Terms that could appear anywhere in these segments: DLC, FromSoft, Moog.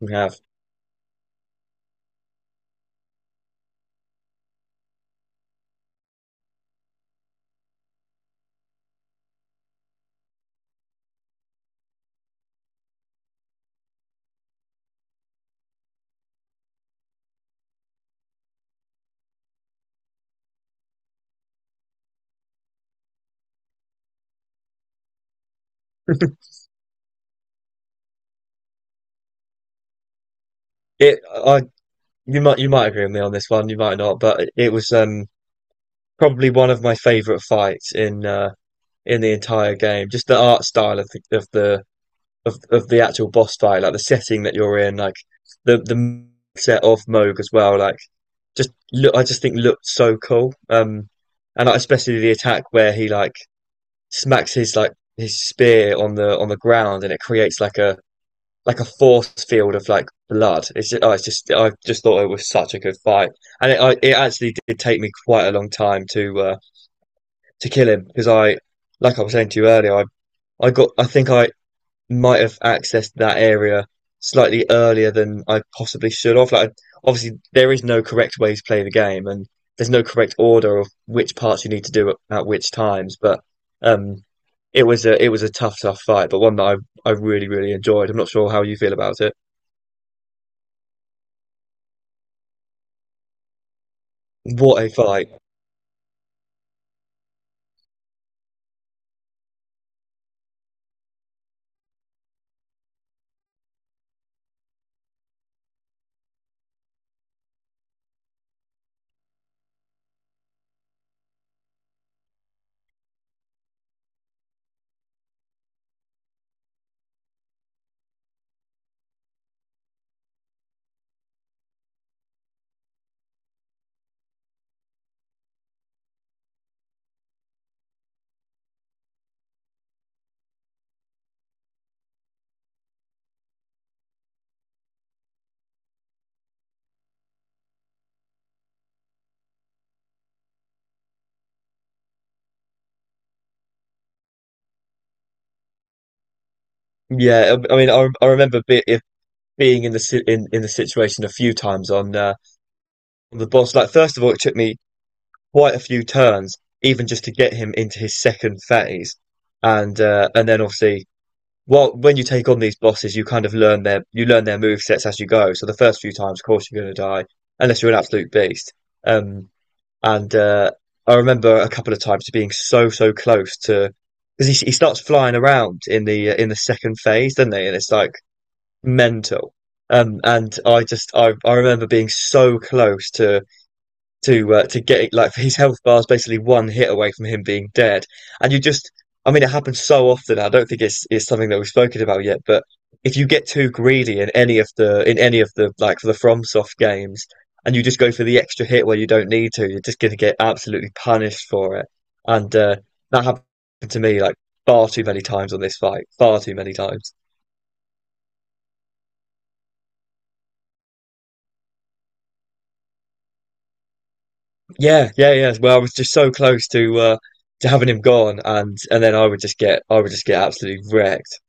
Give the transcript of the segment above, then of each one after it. We have it. I You might agree with me on this one. You might not, but it was probably one of my favorite fights in the entire game. Just the art style of the of the of the actual boss fight, like the setting that you're in, like the set of Moog as well. Like I just think looked so cool. And like, especially the attack where he like smacks his like his spear on the ground, and it creates like a force field of like blood. It's just, oh, it's just I just thought it was such a good fight, and it actually did take me quite a long time to kill him because like I was saying to you earlier, I got I think I might have accessed that area slightly earlier than I possibly should have. Like obviously there is no correct way to play the game, and there's no correct order of which parts you need to do at which times, but um. It was a tough, tough fight, but one that I really, really enjoyed. I'm not sure how you feel about it. What a fight! Yeah, I remember be, if being in in the situation a few times on the boss. Like, first of all, it took me quite a few turns, even just to get him into his second phase, and then obviously, well, when you take on these bosses, you kind of learn their you learn their move sets as you go. So the first few times, of course, you're going to die unless you're an absolute beast. Um, And I remember a couple of times being so close to because he starts flying around in the second phase, doesn't he? And it's like mental. And I just I remember being so close to to get it, like his health bar is basically one hit away from him being dead. And you just, I mean, it happens so often. I don't think it's something that we've spoken about yet, but if you get too greedy in any of the like for the FromSoft games, and you just go for the extra hit where you don't need to, you're just going to get absolutely punished for it. And that happened to me like far too many times on this fight, far too many times. Yeah, yeah, yeah. Well, I was just so close to having him gone, and then I would just get absolutely wrecked.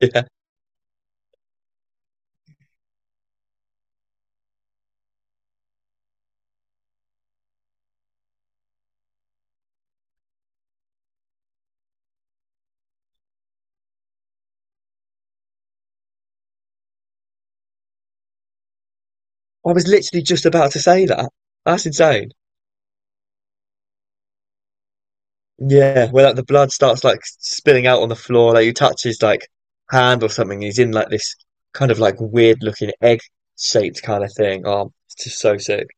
Yeah. I was literally just about to say that. That's insane. Yeah, where like the blood starts like spilling out on the floor, like you touch his like hand or something, he's in like this kind of like weird looking egg shaped kind of thing. Oh, it's just so sick.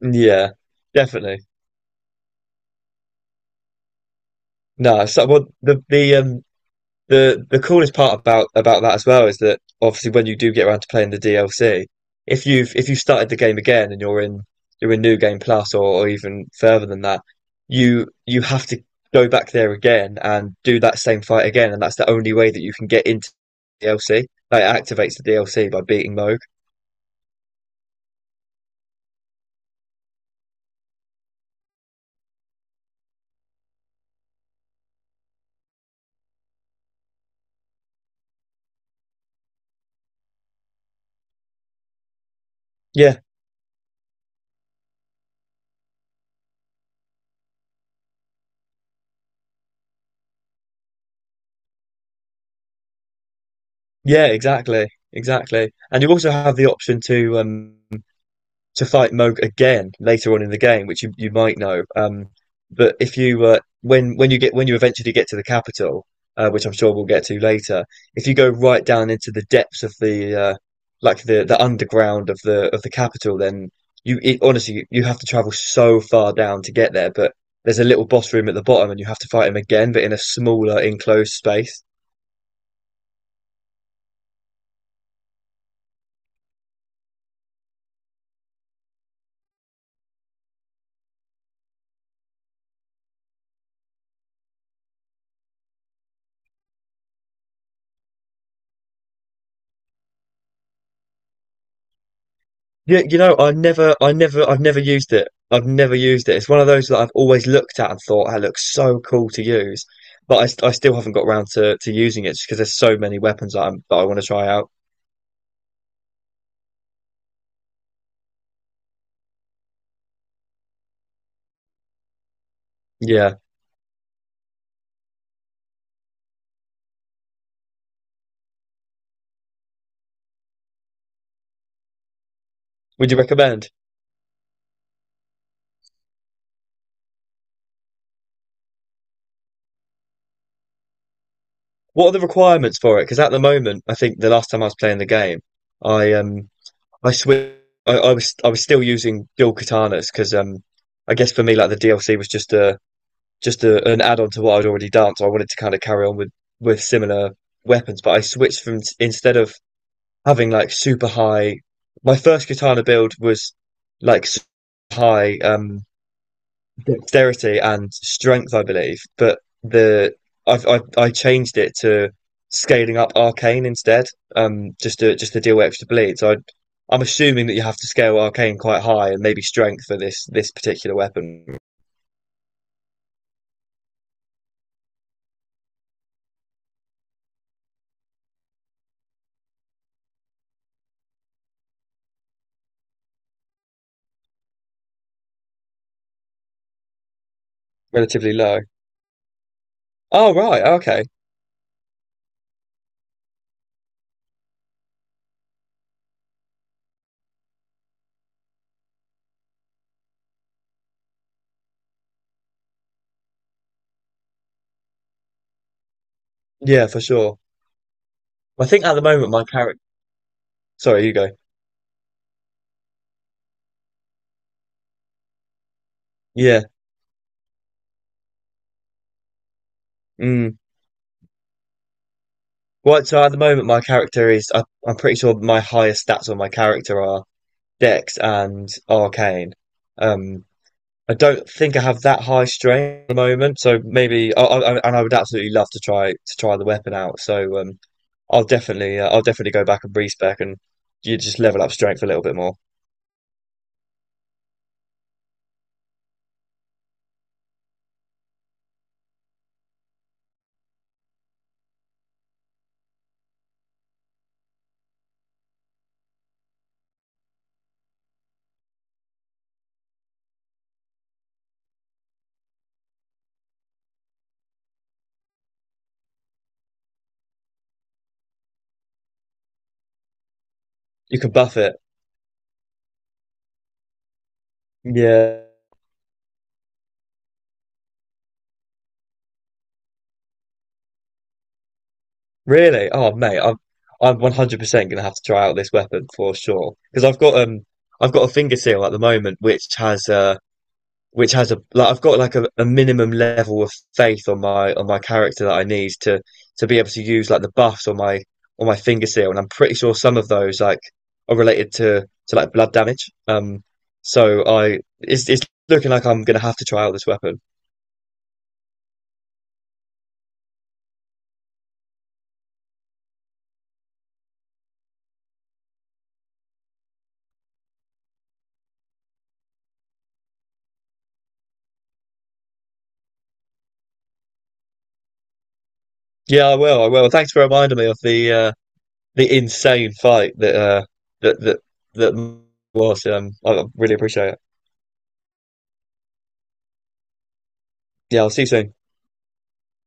Yeah, definitely. No, so well, the coolest part about that as well is that obviously when you do get around to playing the DLC, if you've started the game again, and you're in New Game Plus, or even further than that, you have to go back there again and do that same fight again, and that's the only way that you can get into DLC. Like it activates the DLC by beating Moog. Yeah, yeah, exactly, exactly. And you also have the option to fight Moog again later on in the game, which you might know. But if you when you get when you eventually get to the capital, which I'm sure we'll get to later, if you go right down into the depths of the like the underground of the capital, then honestly you have to travel so far down to get there. But there's a little boss room at the bottom, and you have to fight him again, but in a smaller enclosed space. Yeah, you know, I've never used it. I've never used it. It's one of those that I've always looked at and thought, that looks so cool to use, but I still haven't got around to using it just because there's so many weapons that I want to try out. Yeah. Would you recommend? What are the requirements for it? Because at the moment, I think the last time I was playing the game, I um, I switched. I was still using dual katanas because I guess for me like the DLC was just a, an add on to what I'd already done. So I wanted to kind of carry on with similar weapons, but I switched from instead of having like super high. My first katana build was like high dexterity and strength, I believe, but the I've I changed it to scaling up arcane instead, just to deal with extra bleed. I'm assuming that you have to scale arcane quite high and maybe strength for this particular weapon relatively low. Oh right, okay. Yeah, for sure. I think at the moment my character. Sorry, you go. Yeah. Mm. Right. So at the moment my character is. I'm pretty sure my highest stats on my character are Dex and Arcane. Um. I don't think I have that high strain at the moment. So maybe. And I would absolutely love to try the weapon out. So. I'll definitely. I'll definitely go back and respec, and you just level up strength a little bit more. You can buff it. Yeah. Really? Oh, mate, I'm 100% gonna have to try out this weapon for sure. Because I've got a finger seal at the moment, which has a like I've got like a minimum level of faith on my character that I need to be able to use like the buffs on my finger seal, and I'm pretty sure some of those like are related to like blood damage. So I it's looking like I'm gonna have to try out this weapon. Yeah, I will. I will. Thanks for reminding me of the insane fight that that that that was. I really appreciate it. Yeah, I'll see you soon.